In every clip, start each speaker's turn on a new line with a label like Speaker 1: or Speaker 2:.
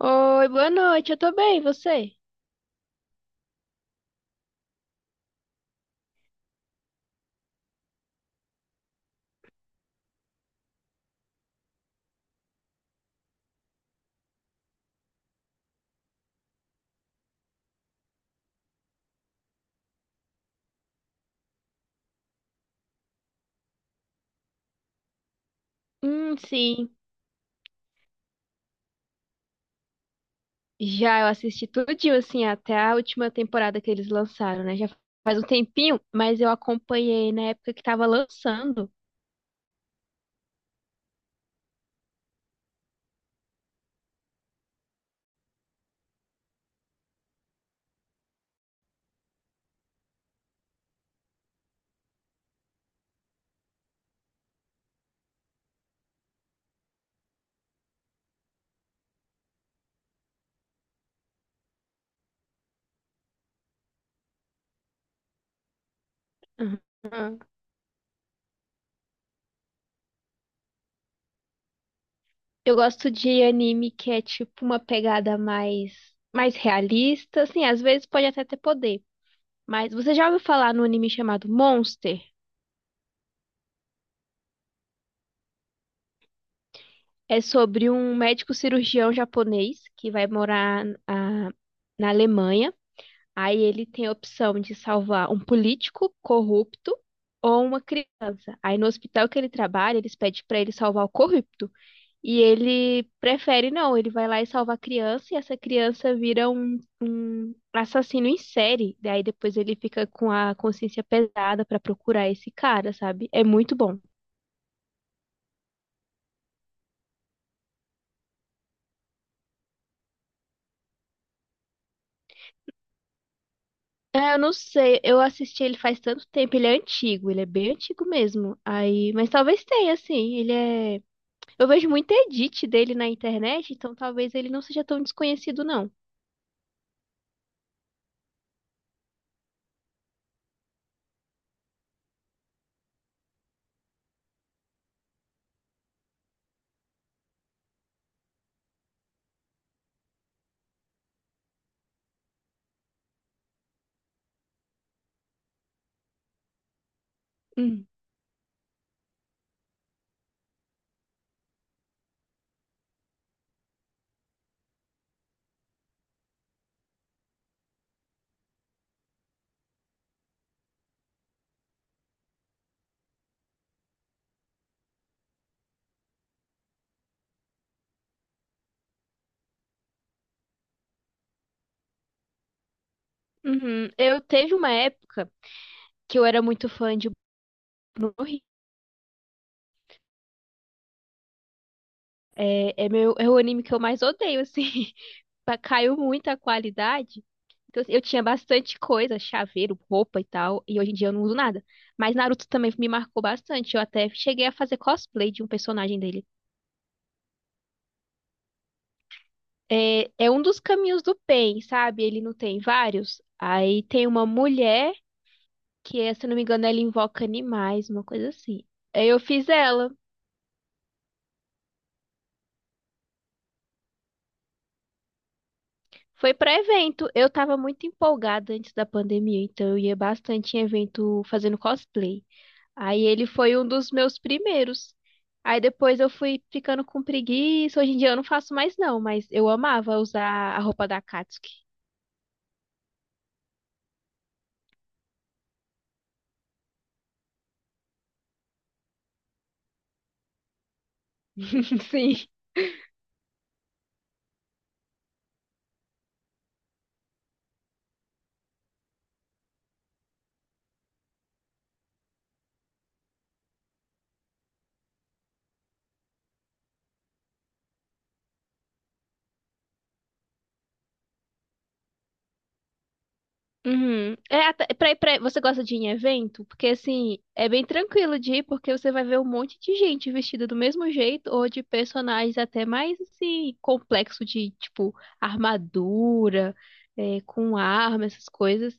Speaker 1: Oi, boa noite, eu tô bem, e você? Sim. Já eu assisti tudinho, assim, até a última temporada que eles lançaram, né? Já faz um tempinho, mas eu acompanhei na época que tava lançando. Aham. Eu gosto de anime que é tipo uma pegada mais realista, assim, às vezes pode até ter poder. Mas você já ouviu falar no anime chamado Monster? É sobre um médico cirurgião japonês que vai morar na Alemanha. Aí ele tem a opção de salvar um político corrupto ou uma criança. Aí no hospital que ele trabalha, eles pedem pra ele salvar o corrupto. E ele prefere não, ele vai lá e salva a criança e essa criança vira um assassino em série. Daí depois ele fica com a consciência pesada pra procurar esse cara, sabe? É muito bom. É, eu não sei, eu assisti ele faz tanto tempo, ele é antigo, ele é bem antigo mesmo. Aí, mas talvez tenha, assim, ele é. Eu vejo muito edit dele na internet, então talvez ele não seja tão desconhecido, não. Hum. Uhum. Eu teve uma época que eu era muito fã de Boku no Hero. Meu, é o anime que eu mais odeio, assim. Caiu muito a qualidade. Então, assim, eu tinha bastante coisa, chaveiro, roupa e tal, e hoje em dia eu não uso nada. Mas Naruto também me marcou bastante. Eu até cheguei a fazer cosplay de um personagem dele. Um dos caminhos do Pain, sabe? Ele não tem vários. Aí tem uma mulher que é, se eu não me engano, ela invoca animais, uma coisa assim. Aí eu fiz ela. Foi para evento. Eu tava muito empolgada antes da pandemia, então eu ia bastante em evento fazendo cosplay. Aí ele foi um dos meus primeiros. Aí depois eu fui ficando com preguiça. Hoje em dia eu não faço mais não, mas eu amava usar a roupa da Katsuki. Sim. Uhum. É, você gosta de ir em evento? Porque assim, é bem tranquilo de ir, porque você vai ver um monte de gente vestida do mesmo jeito, ou de personagens até mais assim, complexo de tipo armadura, é, com arma, essas coisas.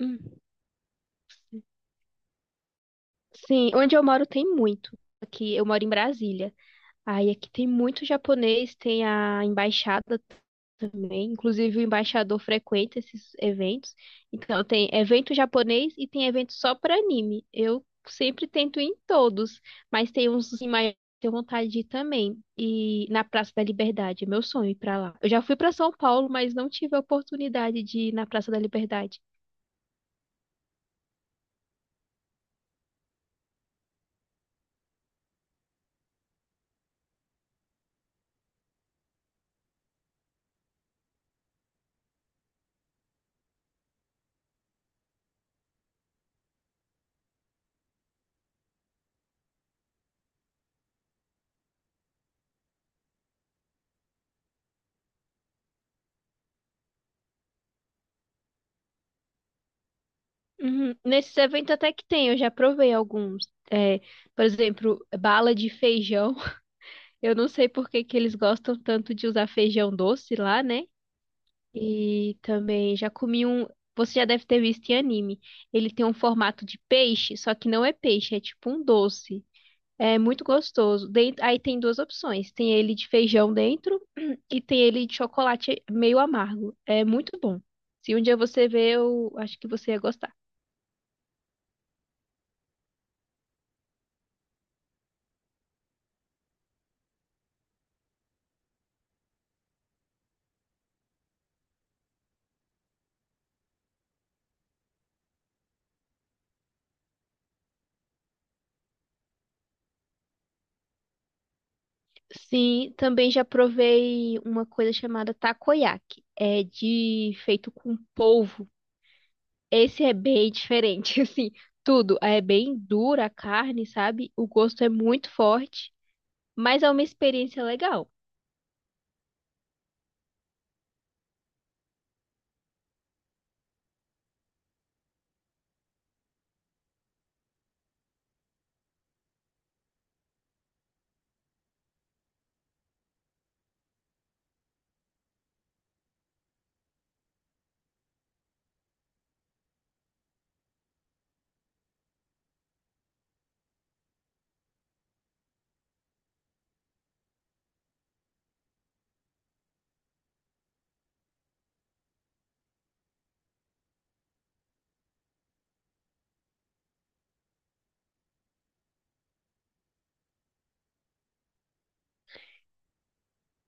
Speaker 1: Hum. Sim, onde eu moro tem muito. Aqui eu moro em Brasília. Aí aqui tem muito japonês, tem a embaixada também. Inclusive, o embaixador frequenta esses eventos. Então, tem evento japonês e tem evento só para anime. Eu sempre tento ir em todos, mas tem uns em maior que eu tenho vontade de ir também. E na Praça da Liberdade, é meu sonho ir para lá. Eu já fui para São Paulo, mas não tive a oportunidade de ir na Praça da Liberdade. Uhum. Nesses eventos até que tem, eu já provei alguns. É, por exemplo, bala de feijão. Eu não sei por que que eles gostam tanto de usar feijão doce lá, né? E também já comi um. Você já deve ter visto em anime. Ele tem um formato de peixe, só que não é peixe, é tipo um doce. É muito gostoso. Aí tem 2 opções: tem ele de feijão dentro e tem ele de chocolate meio amargo. É muito bom. Se um dia você ver, eu acho que você ia gostar. Sim, também já provei uma coisa chamada takoyaki. É de feito com polvo. Esse é bem diferente, assim, tudo. É bem dura a carne, sabe? O gosto é muito forte, mas é uma experiência legal.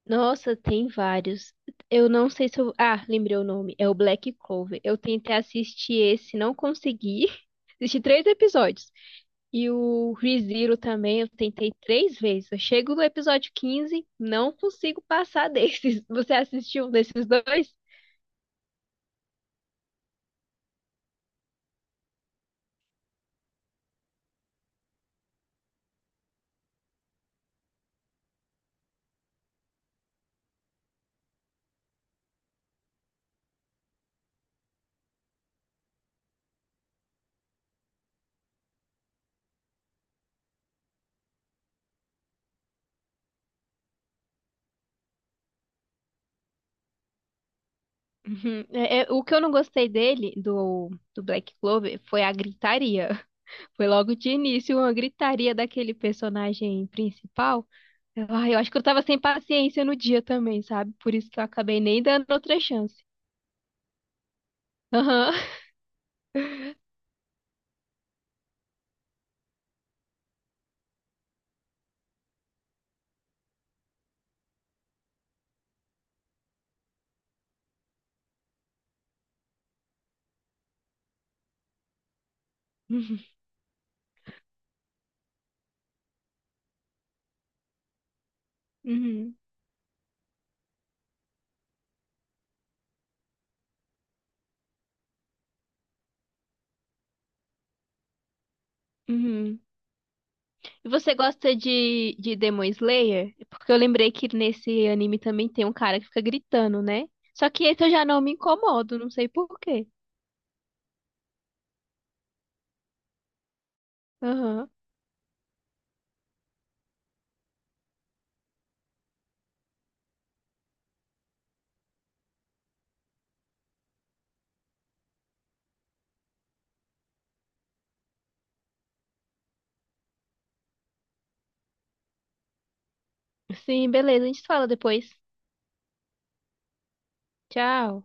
Speaker 1: Nossa, tem vários. Eu não sei se eu. Ah, lembrei o nome. É o Black Clover. Eu tentei assistir esse, não consegui. Assisti 3 episódios. E o ReZero também, eu tentei 3 vezes. Eu chego no episódio 15, não consigo passar desses. Você assistiu um desses dois? Uhum. O que eu não gostei dele, do Black Clover, foi a gritaria. Foi logo de início uma gritaria daquele personagem principal. Ah, eu acho que eu tava sem paciência no dia também, sabe? Por isso que eu acabei nem dando outra chance. Aham. Uhum. Uhum. Uhum. E você gosta de Demon Slayer? Porque eu lembrei que nesse anime também tem um cara que fica gritando, né? Só que esse eu já não me incomodo, não sei por quê. Aham. Sim, beleza, a gente fala depois. Tchau.